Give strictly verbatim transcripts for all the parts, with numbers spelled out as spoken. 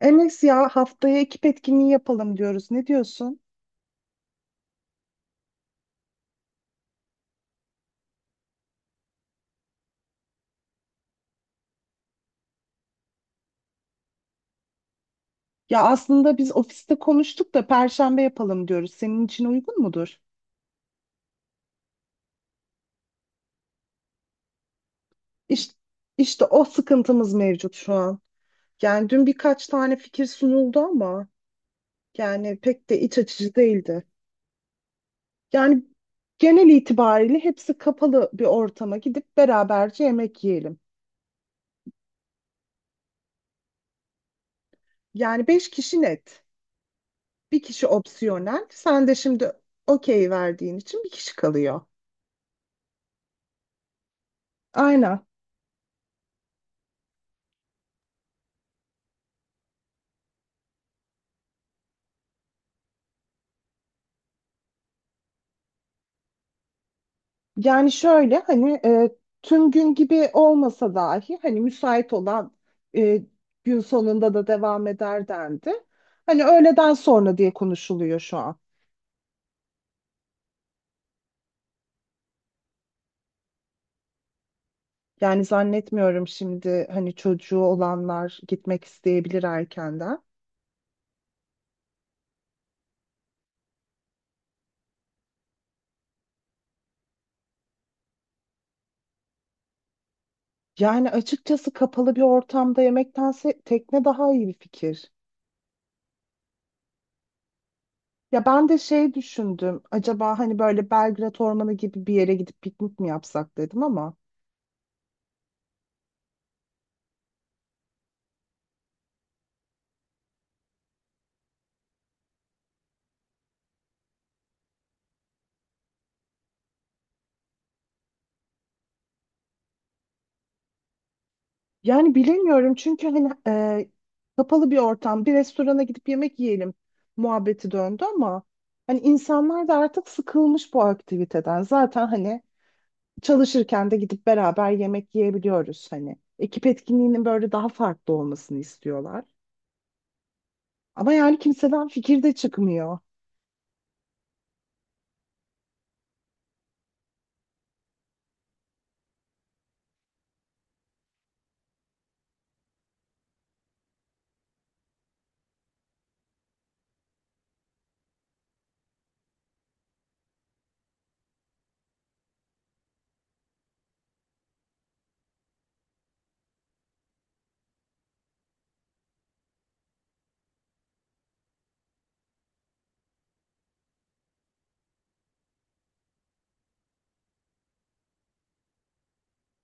Enes ya haftaya ekip etkinliği yapalım diyoruz. Ne diyorsun? Ya aslında biz ofiste konuştuk da Perşembe yapalım diyoruz. Senin için uygun mudur? İşte, işte o sıkıntımız mevcut şu an. Yani dün birkaç tane fikir sunuldu ama yani pek de iç açıcı değildi. Yani genel itibariyle hepsi kapalı bir ortama gidip beraberce yemek yiyelim. Yani beş kişi net. Bir kişi opsiyonel. Sen de şimdi okey verdiğin için bir kişi kalıyor. Aynen. Yani şöyle hani e, tüm gün gibi olmasa dahi hani müsait olan e, gün sonunda da devam eder dendi. Hani öğleden sonra diye konuşuluyor şu an. Yani zannetmiyorum şimdi hani çocuğu olanlar gitmek isteyebilir erkenden. Yani açıkçası kapalı bir ortamda yemektense tekne daha iyi bir fikir. Ya ben de şey düşündüm. Acaba hani böyle Belgrad Ormanı gibi bir yere gidip piknik mi yapsak dedim ama. Yani bilemiyorum çünkü hani e, kapalı bir ortam, bir restorana gidip yemek yiyelim muhabbeti döndü ama hani insanlar da artık sıkılmış bu aktiviteden. Zaten hani çalışırken de gidip beraber yemek yiyebiliyoruz hani. Ekip etkinliğinin böyle daha farklı olmasını istiyorlar. Ama yani kimseden fikir de çıkmıyor.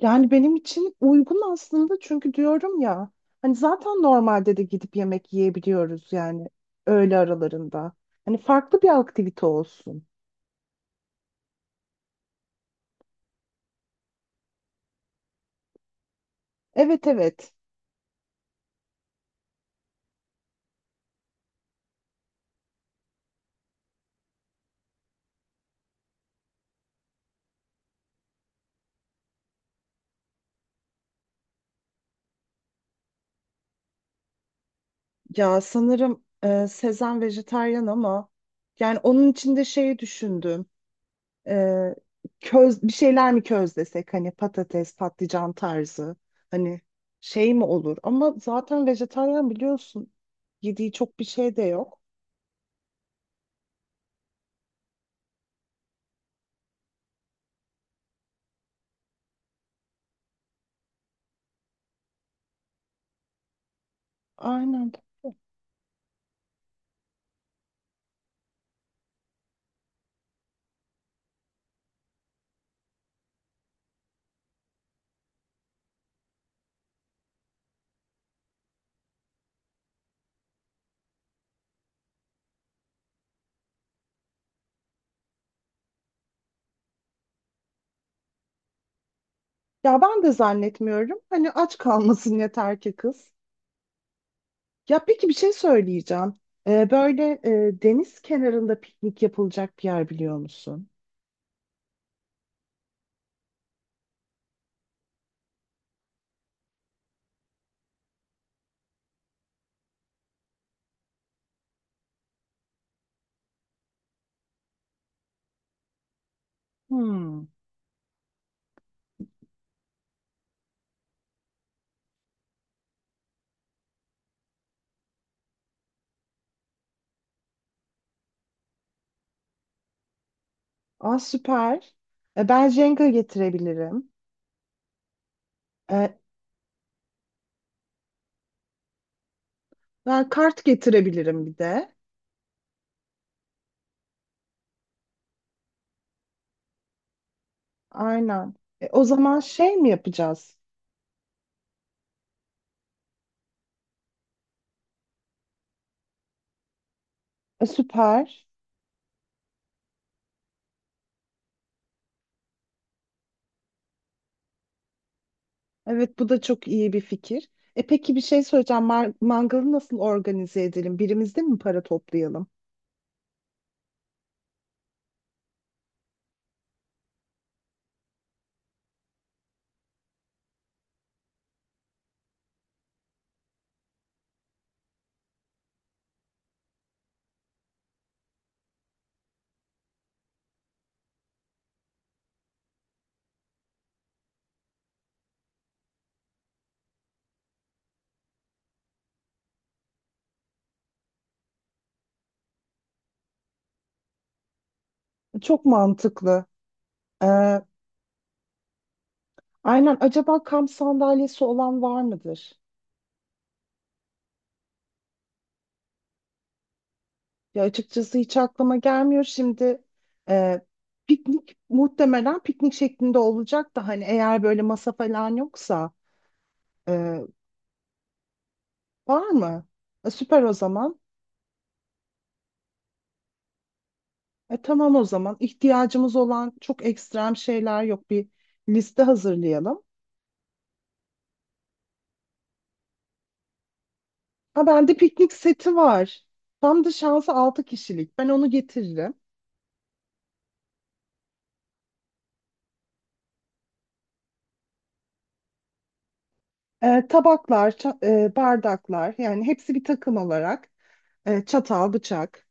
Yani benim için uygun aslında çünkü diyorum ya hani zaten normalde de gidip yemek yiyebiliyoruz yani öğle aralarında. Hani farklı bir aktivite olsun. Evet evet. Ya sanırım e, Sezen vejetaryen ama yani onun içinde şeyi düşündüm. E, köz bir şeyler mi közlesek hani patates, patlıcan tarzı hani şey mi olur? Ama zaten vejetaryen biliyorsun yediği çok bir şey de yok. Aynen. Ya ben de zannetmiyorum. Hani aç kalmasın yeter ki kız. Ya peki bir şey söyleyeceğim. Ee, böyle e, deniz kenarında piknik yapılacak bir yer biliyor musun? Hmm. Aa süper. E, ben Jenga getirebilirim. E, ben kart getirebilirim bir de. Aynen. E, o zaman şey mi yapacağız? E, süper. Evet, bu da çok iyi bir fikir. E peki bir şey söyleyeceğim. Mar- mangalı nasıl organize edelim? Birimizde mi para toplayalım? Çok mantıklı. Ee, aynen. Acaba kamp sandalyesi olan var mıdır? Ya açıkçası hiç aklıma gelmiyor. Şimdi e, piknik muhtemelen piknik şeklinde olacak da hani eğer böyle masa falan yoksa e, var mı? E, süper o zaman. E, tamam o zaman. İhtiyacımız olan çok ekstrem şeyler yok. Bir liste hazırlayalım. Ha, bende piknik seti var. Tam da şansı altı kişilik. Ben onu getiririm. Ee, tabaklar, ça- e, bardaklar yani hepsi bir takım olarak. Ee, çatal, bıçak.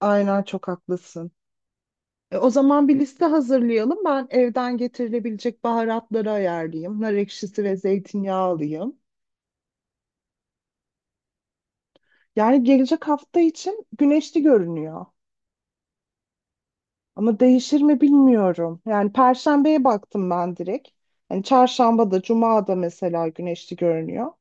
Aynen, çok haklısın. E, o zaman bir liste hazırlayalım. Ben evden getirilebilecek baharatları ayarlayayım. Nar ekşisi ve zeytinyağı alayım. Yani gelecek hafta için güneşli görünüyor. Ama değişir mi bilmiyorum. Yani Perşembe'ye baktım ben direkt. Yani Çarşamba da, Cuma da mesela güneşli görünüyor.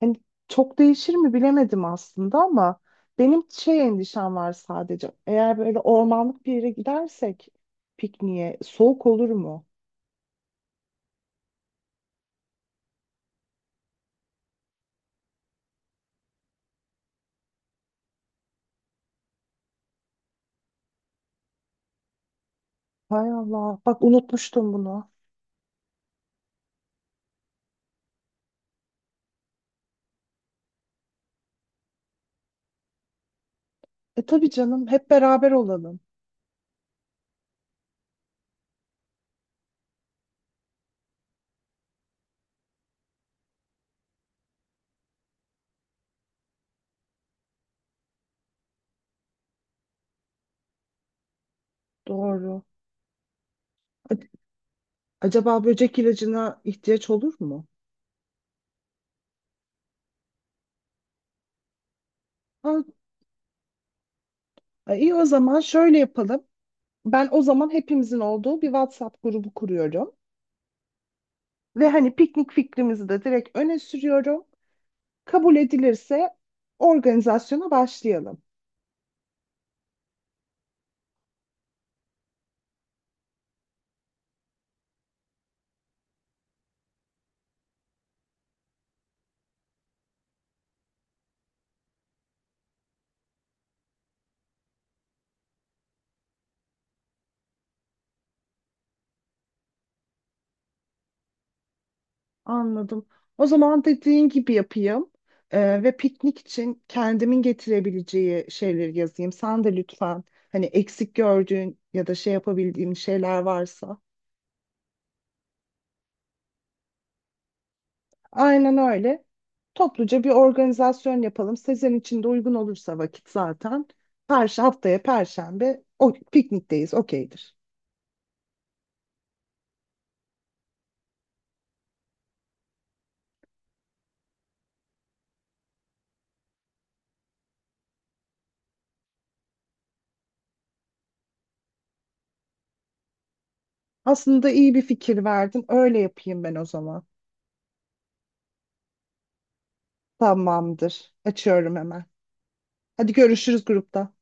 Hani çok değişir mi bilemedim aslında ama benim şey endişem var sadece. Eğer böyle ormanlık bir yere gidersek pikniğe soğuk olur mu? Hay Allah, bak unutmuştum bunu. E tabii canım, hep beraber olalım. Doğru. A- Acaba böcek ilacına ihtiyaç olur mu? Ha, e, iyi o zaman şöyle yapalım. Ben o zaman hepimizin olduğu bir WhatsApp grubu kuruyorum. Ve hani piknik fikrimizi de direkt öne sürüyorum. Kabul edilirse organizasyona başlayalım. Anladım. O zaman dediğin gibi yapayım. Ee, ve piknik için kendimin getirebileceği şeyleri yazayım. Sen de lütfen hani eksik gördüğün ya da şey yapabildiğin şeyler varsa. Aynen öyle. Topluca bir organizasyon yapalım. Sezen için de uygun olursa vakit zaten. Perş haftaya Perşembe o piknikteyiz. Okeydir. Aslında iyi bir fikir verdin. Öyle yapayım ben o zaman. Tamamdır. Açıyorum hemen. Hadi, görüşürüz grupta.